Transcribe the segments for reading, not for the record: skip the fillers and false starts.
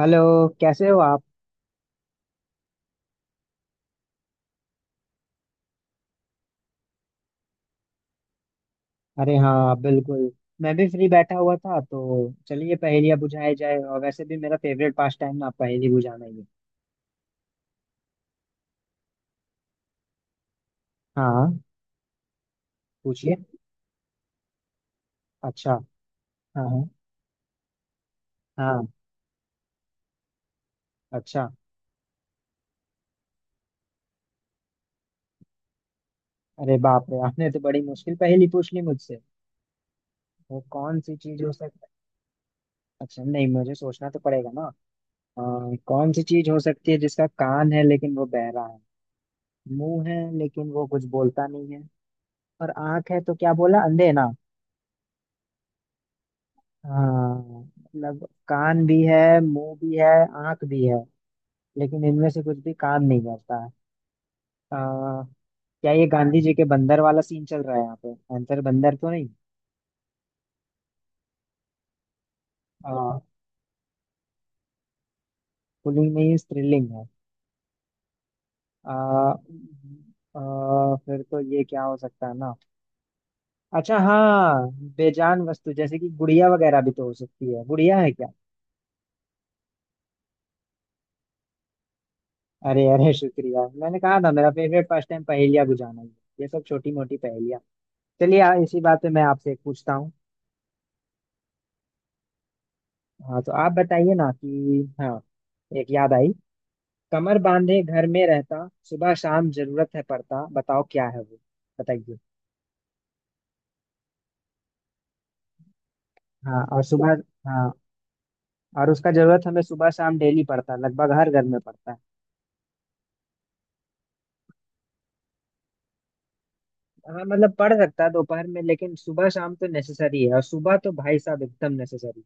Hello. कैसे हो आप? अरे हाँ, बिल्कुल। मैं भी फ्री बैठा हुआ था, तो चलिए पहेलियाँ बुझाई जाए। और वैसे भी मेरा फेवरेट पास टाइम ना पहेली बुझाना ही है। हाँ, पूछिए। अच्छा। हाँ हाँ। हाँ। अच्छा। अरे बाप रे, आपने तो बड़ी मुश्किल पहेली पूछ ली मुझसे। वो कौन सी चीज हो सकती है? अच्छा नहीं, मुझे सोचना तो पड़ेगा ना। अ, कौन सी चीज हो सकती है जिसका कान है लेकिन वो बहरा है? मुंह है लेकिन वो कुछ बोलता नहीं है। और आंख है, तो क्या बोला? अंधे ना। हाँ, मतलब कान भी है, मुंह भी है, आंख भी है, लेकिन इनमें से कुछ भी काम नहीं करता है। आ, क्या ये गांधी जी के बंदर वाला सीन चल रहा है? यहाँ पे आंसर बंदर तो नहीं? आ, पुलिंग नहीं है, स्त्रीलिंग है। आ, आ, फिर तो ये क्या हो सकता है ना। अच्छा हाँ। बेजान वस्तु जैसे कि गुड़िया वगैरह भी तो हो सकती है। गुड़िया है क्या? अरे अरे, शुक्रिया। मैंने कहा था मेरा फेवरेट फर्स्ट टाइम पहेलिया बुझाना ही है। ये सब छोटी मोटी पहेलिया। चलिए, इसी बात पे मैं आपसे एक पूछता हूँ। हाँ तो आप बताइए ना कि हाँ। एक याद आई। कमर बांधे घर में रहता, सुबह शाम जरूरत है पड़ता, बताओ क्या है वो। बताइए। हाँ, और सुबह। हाँ, और उसका जरूरत हमें सुबह शाम डेली पड़ता है, लगभग हर घर में पड़ता है। हाँ मतलब पढ़ सकता है दोपहर में, लेकिन सुबह शाम तो नेसेसरी है, और सुबह तो भाई साहब एकदम नेसेसरी।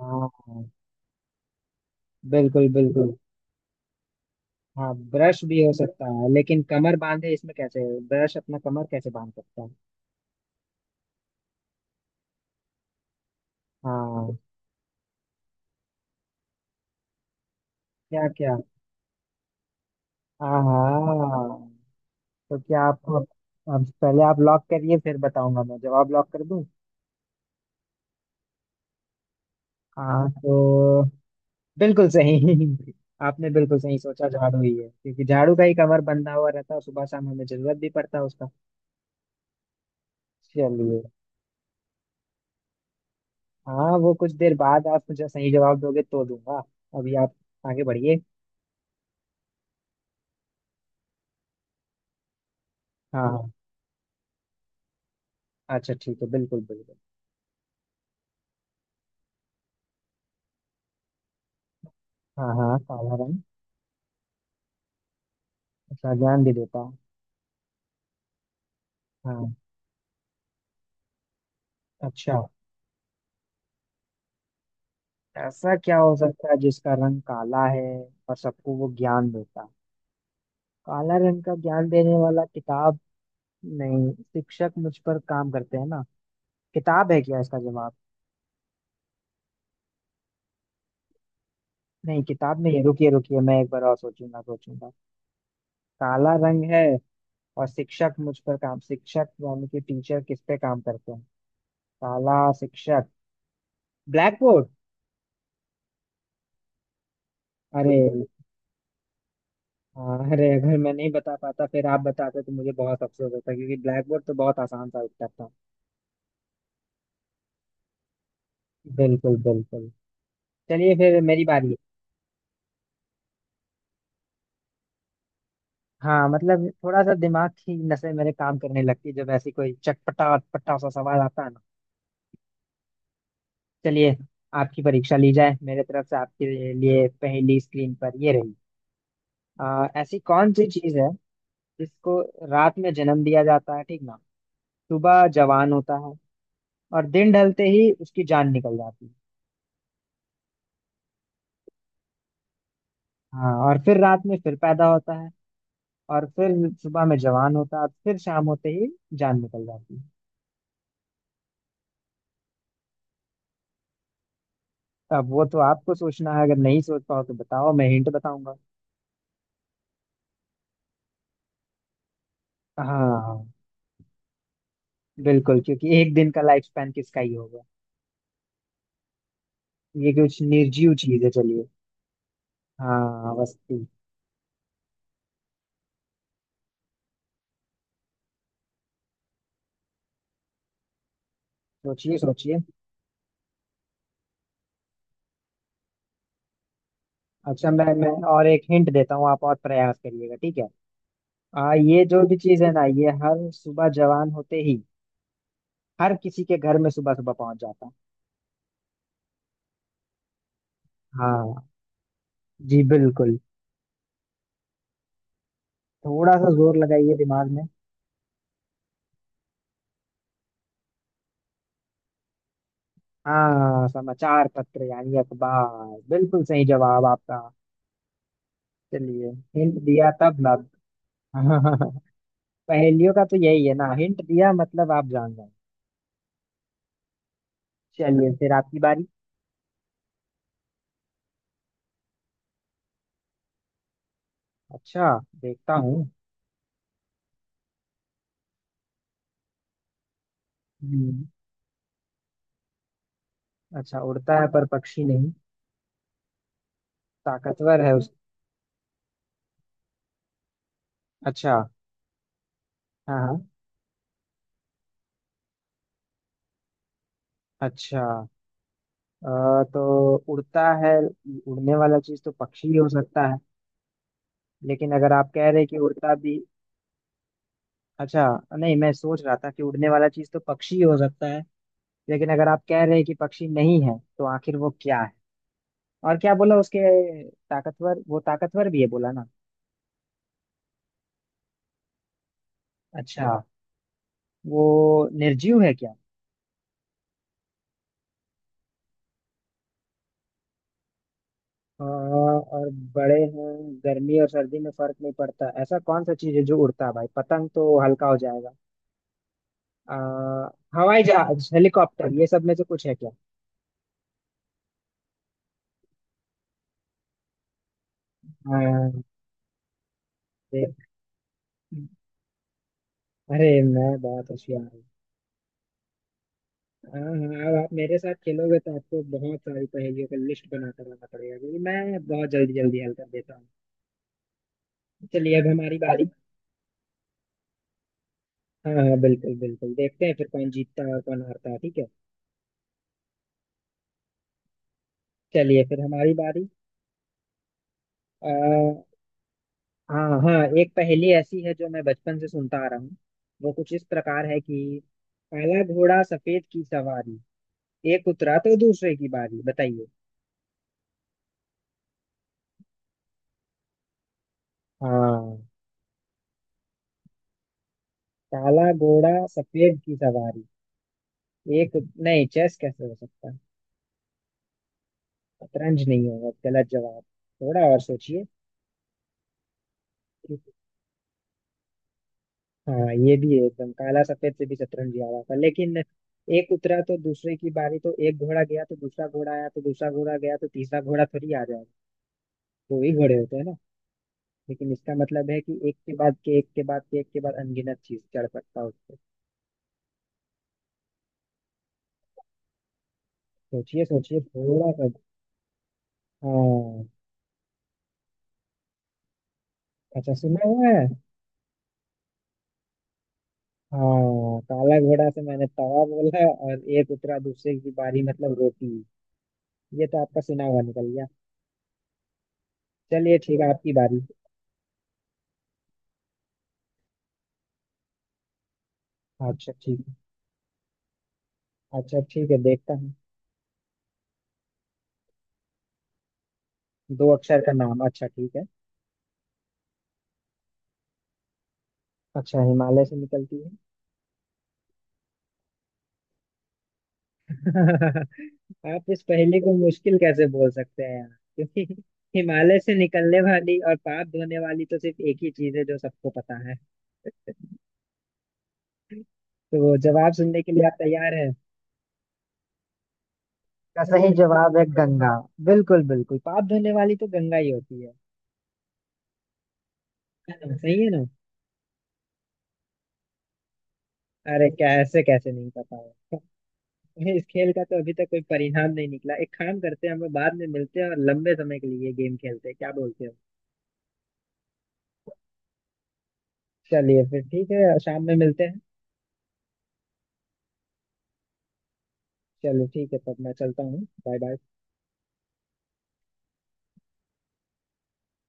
हाँ हाँ, बिल्कुल बिल्कुल। हाँ, ब्रश भी हो सकता है लेकिन कमर बांधे इसमें कैसे? ब्रश अपना कमर कैसे बांध सकता है? हाँ, क्या क्या? हाँ हाँ। तो क्या आप? अब पहले आप लॉक करिए, फिर बताऊंगा। मैं जवाब लॉक कर दूं? हाँ तो बिल्कुल सही। आपने बिल्कुल सही सोचा, झाड़ू ही है। क्योंकि झाड़ू का ही कमर बंधा हुआ रहता है, सुबह शाम हमें जरूरत भी पड़ता है उसका। चलिए। हाँ, वो कुछ देर बाद आप मुझे सही जवाब दोगे तो दूंगा। अभी आप आगे बढ़िए। हाँ हाँ। अच्छा ठीक है, बिल्कुल बिल्कुल। हाँ हाँ, काला रंग। अच्छा, ज्ञान भी देता है। हाँ। अच्छा, ऐसा क्या हो सकता है जिसका रंग काला है? और सबको वो ज्ञान देता है। काला रंग का ज्ञान देने वाला किताब। नहीं, शिक्षक मुझ पर काम करते हैं ना। किताब है क्या इसका जवाब? नहीं, किताब नहीं है। रुकिए रुकिए, मैं एक बार और सोचूंगा सोचूंगा। काला रंग है। और शिक्षक मुझ पर काम, शिक्षक यानी कि टीचर किस पे काम करते हैं? काला शिक्षक। Blackboard. अरे हाँ, अरे अगर मैं नहीं बता पाता फिर आप बताते तो मुझे बहुत अफसोस होता, क्योंकि ब्लैक बोर्ड तो बहुत आसान सा उत्तर था। बिल्कुल बिल्कुल। चलिए फिर मेरी बारी। हाँ मतलब थोड़ा सा दिमाग की नसें मेरे काम करने लगती है जब ऐसी कोई चटपटा अटपटा सा सवाल आता है ना। चलिए। आपकी परीक्षा ली जाए मेरे तरफ से, आपके लिए पहली स्क्रीन पर ये रही। ऐसी कौन सी चीज है जिसको रात में जन्म दिया जाता है, ठीक ना। सुबह जवान होता है। और दिन ढलते ही उसकी जान निकल जाती है। हाँ, और फिर रात में फिर पैदा होता है। और फिर सुबह में जवान होता है, और फिर शाम होते ही जान निकल जाती है। अब वो तो आपको सोचना है, अगर नहीं सोच पाओ तो बताओ, मैं हिंट बताऊंगा। हाँ बिल्कुल, क्योंकि एक दिन का लाइफ स्पैन किसका ही होगा। ये कुछ निर्जीव चीज है, चलिए। हाँ, वस्तु। सोचिए सोचिए। अच्छा, मैं और एक हिंट देता हूँ, आप और प्रयास करिएगा, ठीक है। ये जो भी चीज है ना, ये हर सुबह जवान होते ही। हर किसी के घर में सुबह सुबह पहुंच जाता है। हाँ जी, बिल्कुल। थोड़ा सा जोर लगाइए दिमाग में। हाँ, समाचार पत्र यानी अखबार, बिल्कुल सही जवाब आपका। चलिए, हिंट दिया तब ना। पहेलियों का तो यही है ना, हिंट दिया मतलब आप जान जाए। चलिए फिर आपकी बारी। अच्छा देखता हूँ। हम्म, अच्छा, उड़ता है पर पक्षी नहीं। ताकतवर है उस। अच्छा। हाँ हाँ। अच्छा। अ, तो उड़ता है, उड़ने वाला चीज तो पक्षी ही हो सकता है, लेकिन अगर आप कह रहे हैं कि उड़ता भी। अच्छा, नहीं मैं सोच रहा था कि उड़ने वाला चीज तो पक्षी ही हो सकता है, लेकिन अगर आप कह रहे हैं कि पक्षी नहीं है तो आखिर वो क्या है? और क्या बोला उसके? ताकतवर, वो ताकतवर भी है बोला ना। अच्छा, वो निर्जीव है क्या? हाँ, और। बड़े हैं, गर्मी और सर्दी में फर्क नहीं पड़ता, ऐसा कौन सा चीज है जो उड़ता है? भाई पतंग तो हल्का हो जाएगा। आ, हवाई जहाज, हेलीकॉप्टर, ये सब में से कुछ है क्या? हाँ, देख। अरे मैं बहुत होशियार हूँ। हाँ हाँ, अब आप मेरे साथ खेलोगे तो आपको बहुत सारी पहेलियों का लिस्ट बनाकर लाना पड़ेगा, क्योंकि मैं बहुत जल्दी जल्दी हल कर देता हूँ। चलिए अब हमारी बारी। हाँ हाँ, बिल्कुल बिल्कुल, देखते हैं फिर कौन जीतता है और कौन हारता है, ठीक है। चलिए फिर हमारी बारी। आ, हाँ हाँ, एक पहेली ऐसी है जो मैं बचपन से सुनता आ रहा हूँ। वो कुछ इस प्रकार है कि काला घोड़ा सफेद की सवारी, एक उतरा तो दूसरे की बारी, बताइए। हाँ, काला घोड़ा सफेद की सवारी। नहीं, चेस कैसे हो सकता है? शतरंज नहीं होगा, गलत जवाब। थोड़ा और सोचिए। हाँ, ये भी है, एकदम काला सफेद से भी शतरंज ही आ रहा था, लेकिन एक उतरा तो दूसरे की बारी, तो एक घोड़ा गया तो दूसरा घोड़ा आया, तो दूसरा घोड़ा गया तो तीसरा घोड़ा थोड़ी आ जाएगा। दो ही घोड़े होते हैं ना। लेकिन इसका मतलब है कि एक के बाद के एक के बाद के एक के बाद अनगिनत चीज चढ़ सकता है उस पे। सोचिए सोचिए थोड़ा सा। हाँ, अच्छा सुना हुआ है। हाँ, काला घोड़ा से मैंने तवा बोला, और एक उतरा दूसरे की बारी मतलब रोटी। ये तो आपका सुना हुआ निकल गया। चलिए ठीक है, आपकी बारी। अच्छा ठीक है। अच्छा ठीक है, देखता हूँ। दो अक्षर का नाम, अच्छा ठीक है। अच्छा, हिमालय से निकलती है। आप इस पहेली को मुश्किल कैसे बोल सकते हैं यार? क्योंकि हिमालय से निकलने वाली और पाप धोने वाली तो सिर्फ एक ही चीज है जो सबको पता है। तो जवाब सुनने के लिए आप तैयार हैं? का सही जवाब है गंगा। बिल्कुल बिल्कुल, पाप धोने वाली तो गंगा ही होती है। है ना? सही है ना। अरे, कैसे कैसे नहीं पता है। इस खेल का तो अभी तक कोई परिणाम नहीं निकला, एक काम करते हैं हम लोग, बाद में मिलते हैं और लंबे समय के लिए ये गेम खेलते हैं, क्या बोलते हो? चलिए फिर ठीक है, शाम में मिलते हैं। चलो ठीक है, तब मैं चलता हूँ, बाय बाय।